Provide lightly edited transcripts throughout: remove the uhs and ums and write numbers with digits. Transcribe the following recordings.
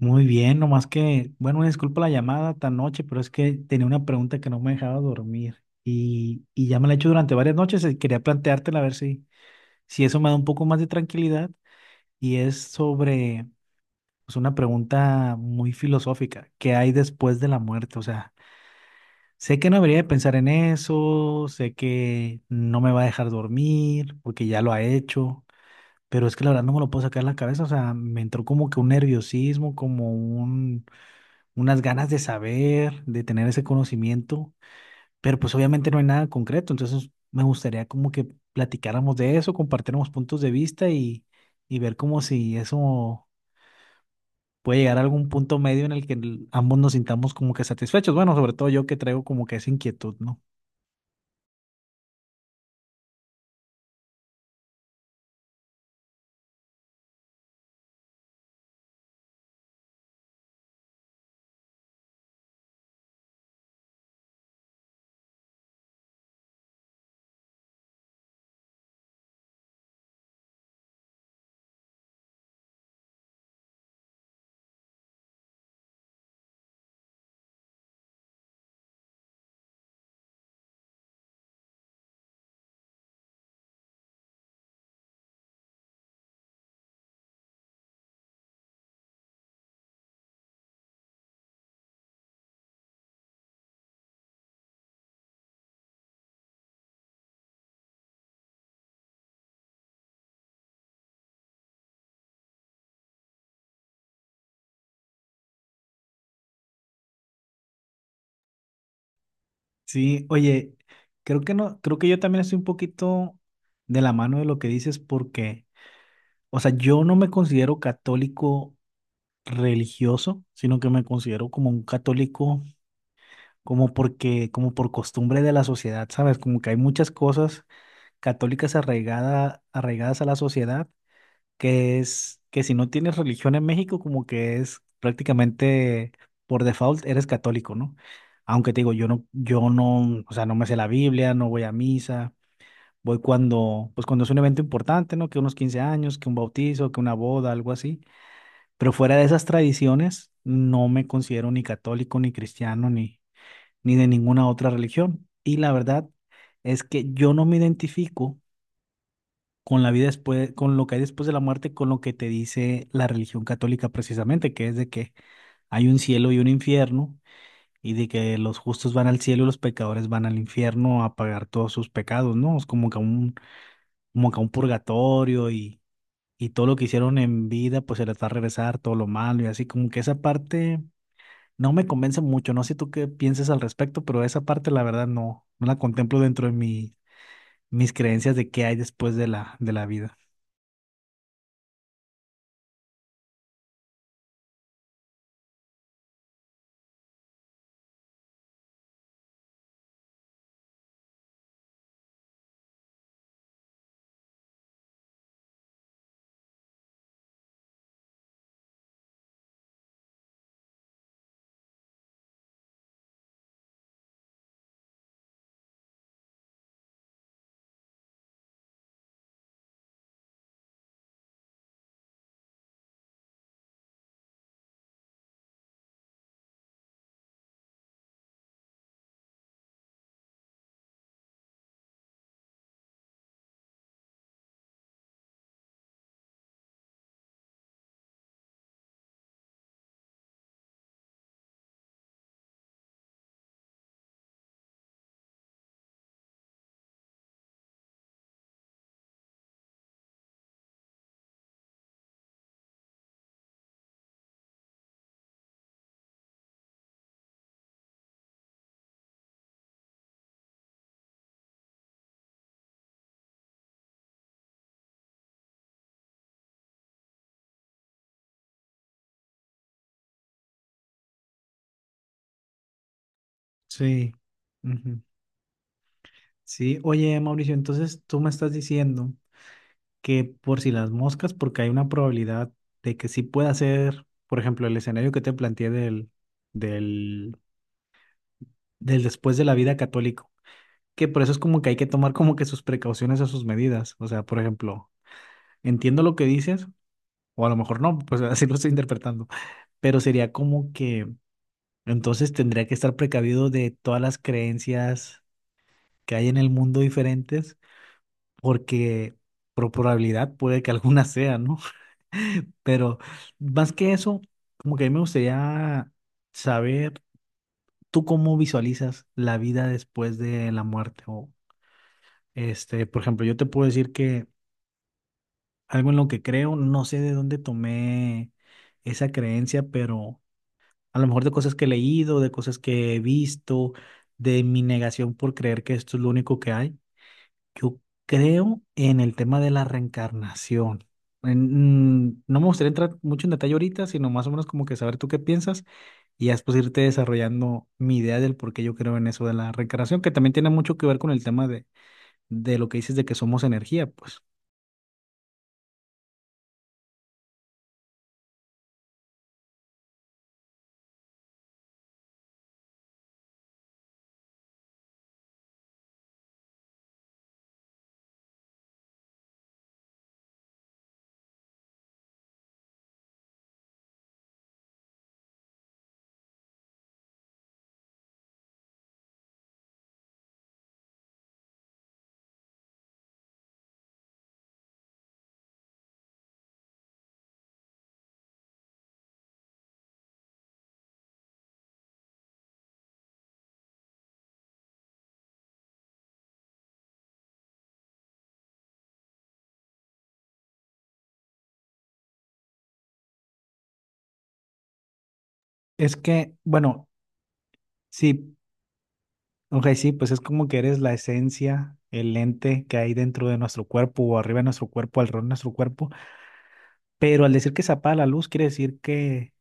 Muy bien, nomás que, bueno, disculpa la llamada tan noche, pero es que tenía una pregunta que no me dejaba dormir y ya me la he hecho durante varias noches y quería planteártela a ver si eso me da un poco más de tranquilidad y es sobre, pues, una pregunta muy filosófica. ¿Qué hay después de la muerte? O sea, sé que no debería de pensar en eso, sé que no me va a dejar dormir porque ya lo ha hecho, pero es que la verdad no me lo puedo sacar de la cabeza. O sea, me entró como que un nerviosismo, como un unas ganas de saber, de tener ese conocimiento, pero pues obviamente no hay nada concreto. Entonces me gustaría como que platicáramos de eso, compartiéramos puntos de vista y ver como si eso puede llegar a algún punto medio en el que ambos nos sintamos como que satisfechos. Bueno, sobre todo yo que traigo como que esa inquietud, ¿no? Sí, oye, creo que no, creo que yo también estoy un poquito de la mano de lo que dices porque, o sea, yo no me considero católico religioso, sino que me considero como un católico como porque, como por costumbre de la sociedad, ¿sabes? Como que hay muchas cosas católicas arraigadas a la sociedad, que es que si no tienes religión en México, como que es prácticamente por default eres católico, ¿no? Aunque te digo, yo no, yo no, o sea, no me sé la Biblia, no voy a misa, voy cuando, pues cuando es un evento importante, ¿no? Que unos 15 años, que un bautizo, que una boda, algo así. Pero fuera de esas tradiciones, no me considero ni católico, ni cristiano, ni de ninguna otra religión. Y la verdad es que yo no me identifico con la vida después, con lo que hay después de la muerte, con lo que te dice la religión católica precisamente, que es de que hay un cielo y un infierno y de que los justos van al cielo y los pecadores van al infierno a pagar todos sus pecados, ¿no? Es como que un, purgatorio y todo lo que hicieron en vida, pues se les va a regresar todo lo malo y así como que esa parte no me convence mucho, no sé tú qué pienses al respecto, pero esa parte la verdad no, no la contemplo dentro de mis creencias de qué hay después de de la vida. Sí. Ujú. Sí, oye Mauricio, entonces tú me estás diciendo que por si las moscas, porque hay una probabilidad de que sí pueda ser, por ejemplo, el escenario que te planteé del, del después de la vida católico, que por eso es como que hay que tomar como que sus precauciones o sus medidas. O sea, por ejemplo, entiendo lo que dices, o a lo mejor no, pues así lo estoy interpretando, pero sería como que entonces tendría que estar precavido de todas las creencias que hay en el mundo diferentes, porque por probabilidad puede que alguna sea, ¿no? Pero más que eso, como que a mí me gustaría saber tú cómo visualizas la vida después de la muerte. O, este, por ejemplo, yo te puedo decir que algo en lo que creo, no sé de dónde tomé esa creencia, pero a lo mejor de cosas que he leído, de cosas que he visto, de mi negación por creer que esto es lo único que hay. Yo creo en el tema de la reencarnación. No me gustaría entrar mucho en detalle ahorita, sino más o menos como que saber tú qué piensas y ya después irte desarrollando mi idea del por qué yo creo en eso de la reencarnación, que también tiene mucho que ver con el tema de lo que dices de que somos energía, pues. Es que, bueno, sí. Ok, sí, pues es como que eres la esencia, el ente que hay dentro de nuestro cuerpo o arriba de nuestro cuerpo, alrededor de nuestro cuerpo. Pero al decir que se apaga la luz, quiere decir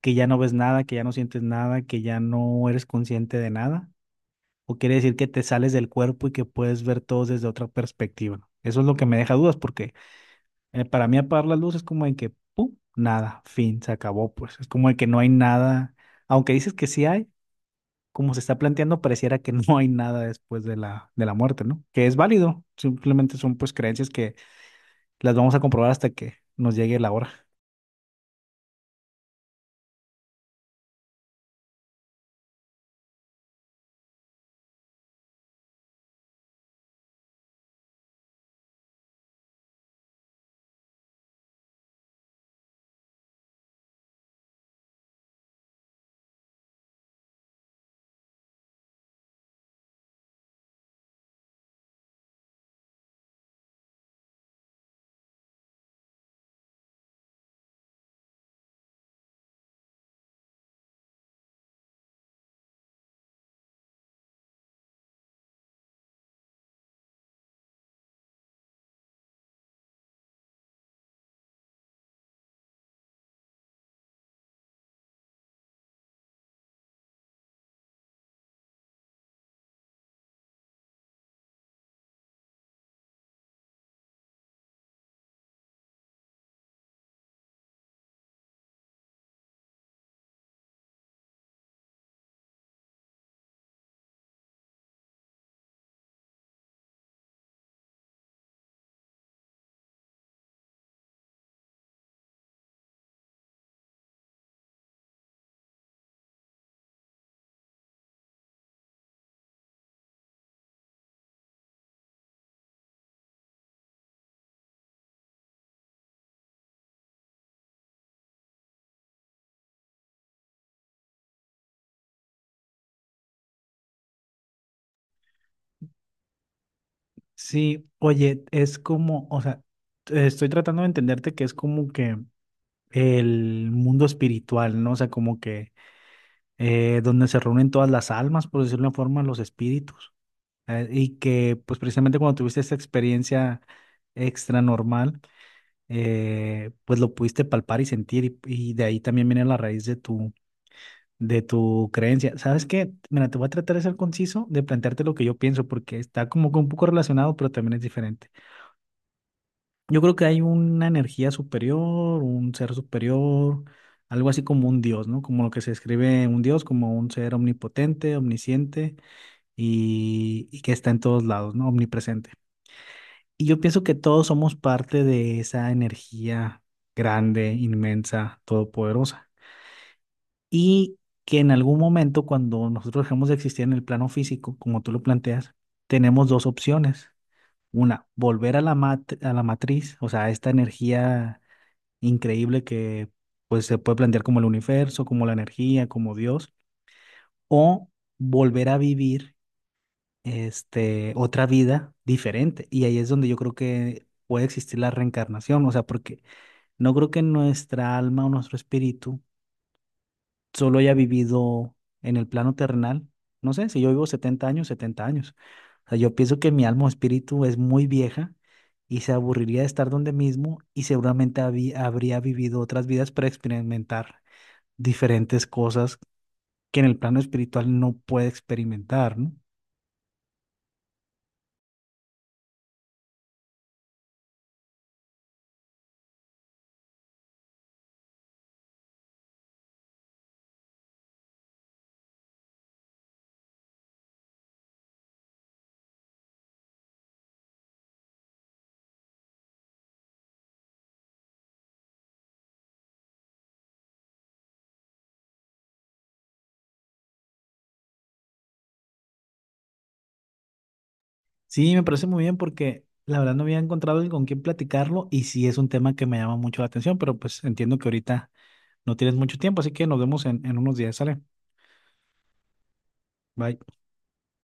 que ya no ves nada, que ya no sientes nada, que ya no eres consciente de nada. O quiere decir que te sales del cuerpo y que puedes ver todo desde otra perspectiva. Eso es lo que me deja dudas porque, para mí apagar la luz es como en que, ¡pum! Nada, fin, se acabó, pues. Es como de que no hay nada. Aunque dices que sí hay. Como se está planteando, pareciera que no hay nada después de de la muerte, ¿no? Que es válido, simplemente son pues creencias que las vamos a comprobar hasta que nos llegue la hora. Sí, oye, es como, o sea, estoy tratando de entenderte, que es como que el mundo espiritual, ¿no? O sea, como que donde se reúnen todas las almas, por decirlo de una forma, los espíritus. Y que pues precisamente cuando tuviste esta experiencia extranormal, pues lo pudiste palpar y sentir y de ahí también viene la raíz de de tu creencia. ¿Sabes qué? Mira, te voy a tratar de ser conciso, de plantearte lo que yo pienso, porque está como que un poco relacionado, pero también es diferente. Yo creo que hay una energía superior, un ser superior, algo así como un dios, ¿no? Como lo que se describe un dios, como un ser omnipotente, omnisciente y que está en todos lados, ¿no? Omnipresente. Y yo pienso que todos somos parte de esa energía grande, inmensa, todopoderosa. Y que en algún momento, cuando nosotros dejemos de existir en el plano físico, como tú lo planteas, tenemos dos opciones. Una, volver a a la matriz, o sea, a esta energía increíble que pues se puede plantear como el universo, como la energía, como Dios, o volver a vivir este otra vida diferente. Y ahí es donde yo creo que puede existir la reencarnación, o sea, porque no creo que nuestra alma o nuestro espíritu solo haya vivido en el plano terrenal. No sé, si yo vivo 70 años, 70 años. O sea, yo pienso que mi alma o espíritu es muy vieja y se aburriría de estar donde mismo y seguramente habría vivido otras vidas para experimentar diferentes cosas que en el plano espiritual no puede experimentar, ¿no? Sí, me parece muy bien porque la verdad no había encontrado alguien con quien platicarlo y sí es un tema que me llama mucho la atención, pero pues entiendo que ahorita no tienes mucho tiempo, así que nos vemos en unos días. Sale. Bye.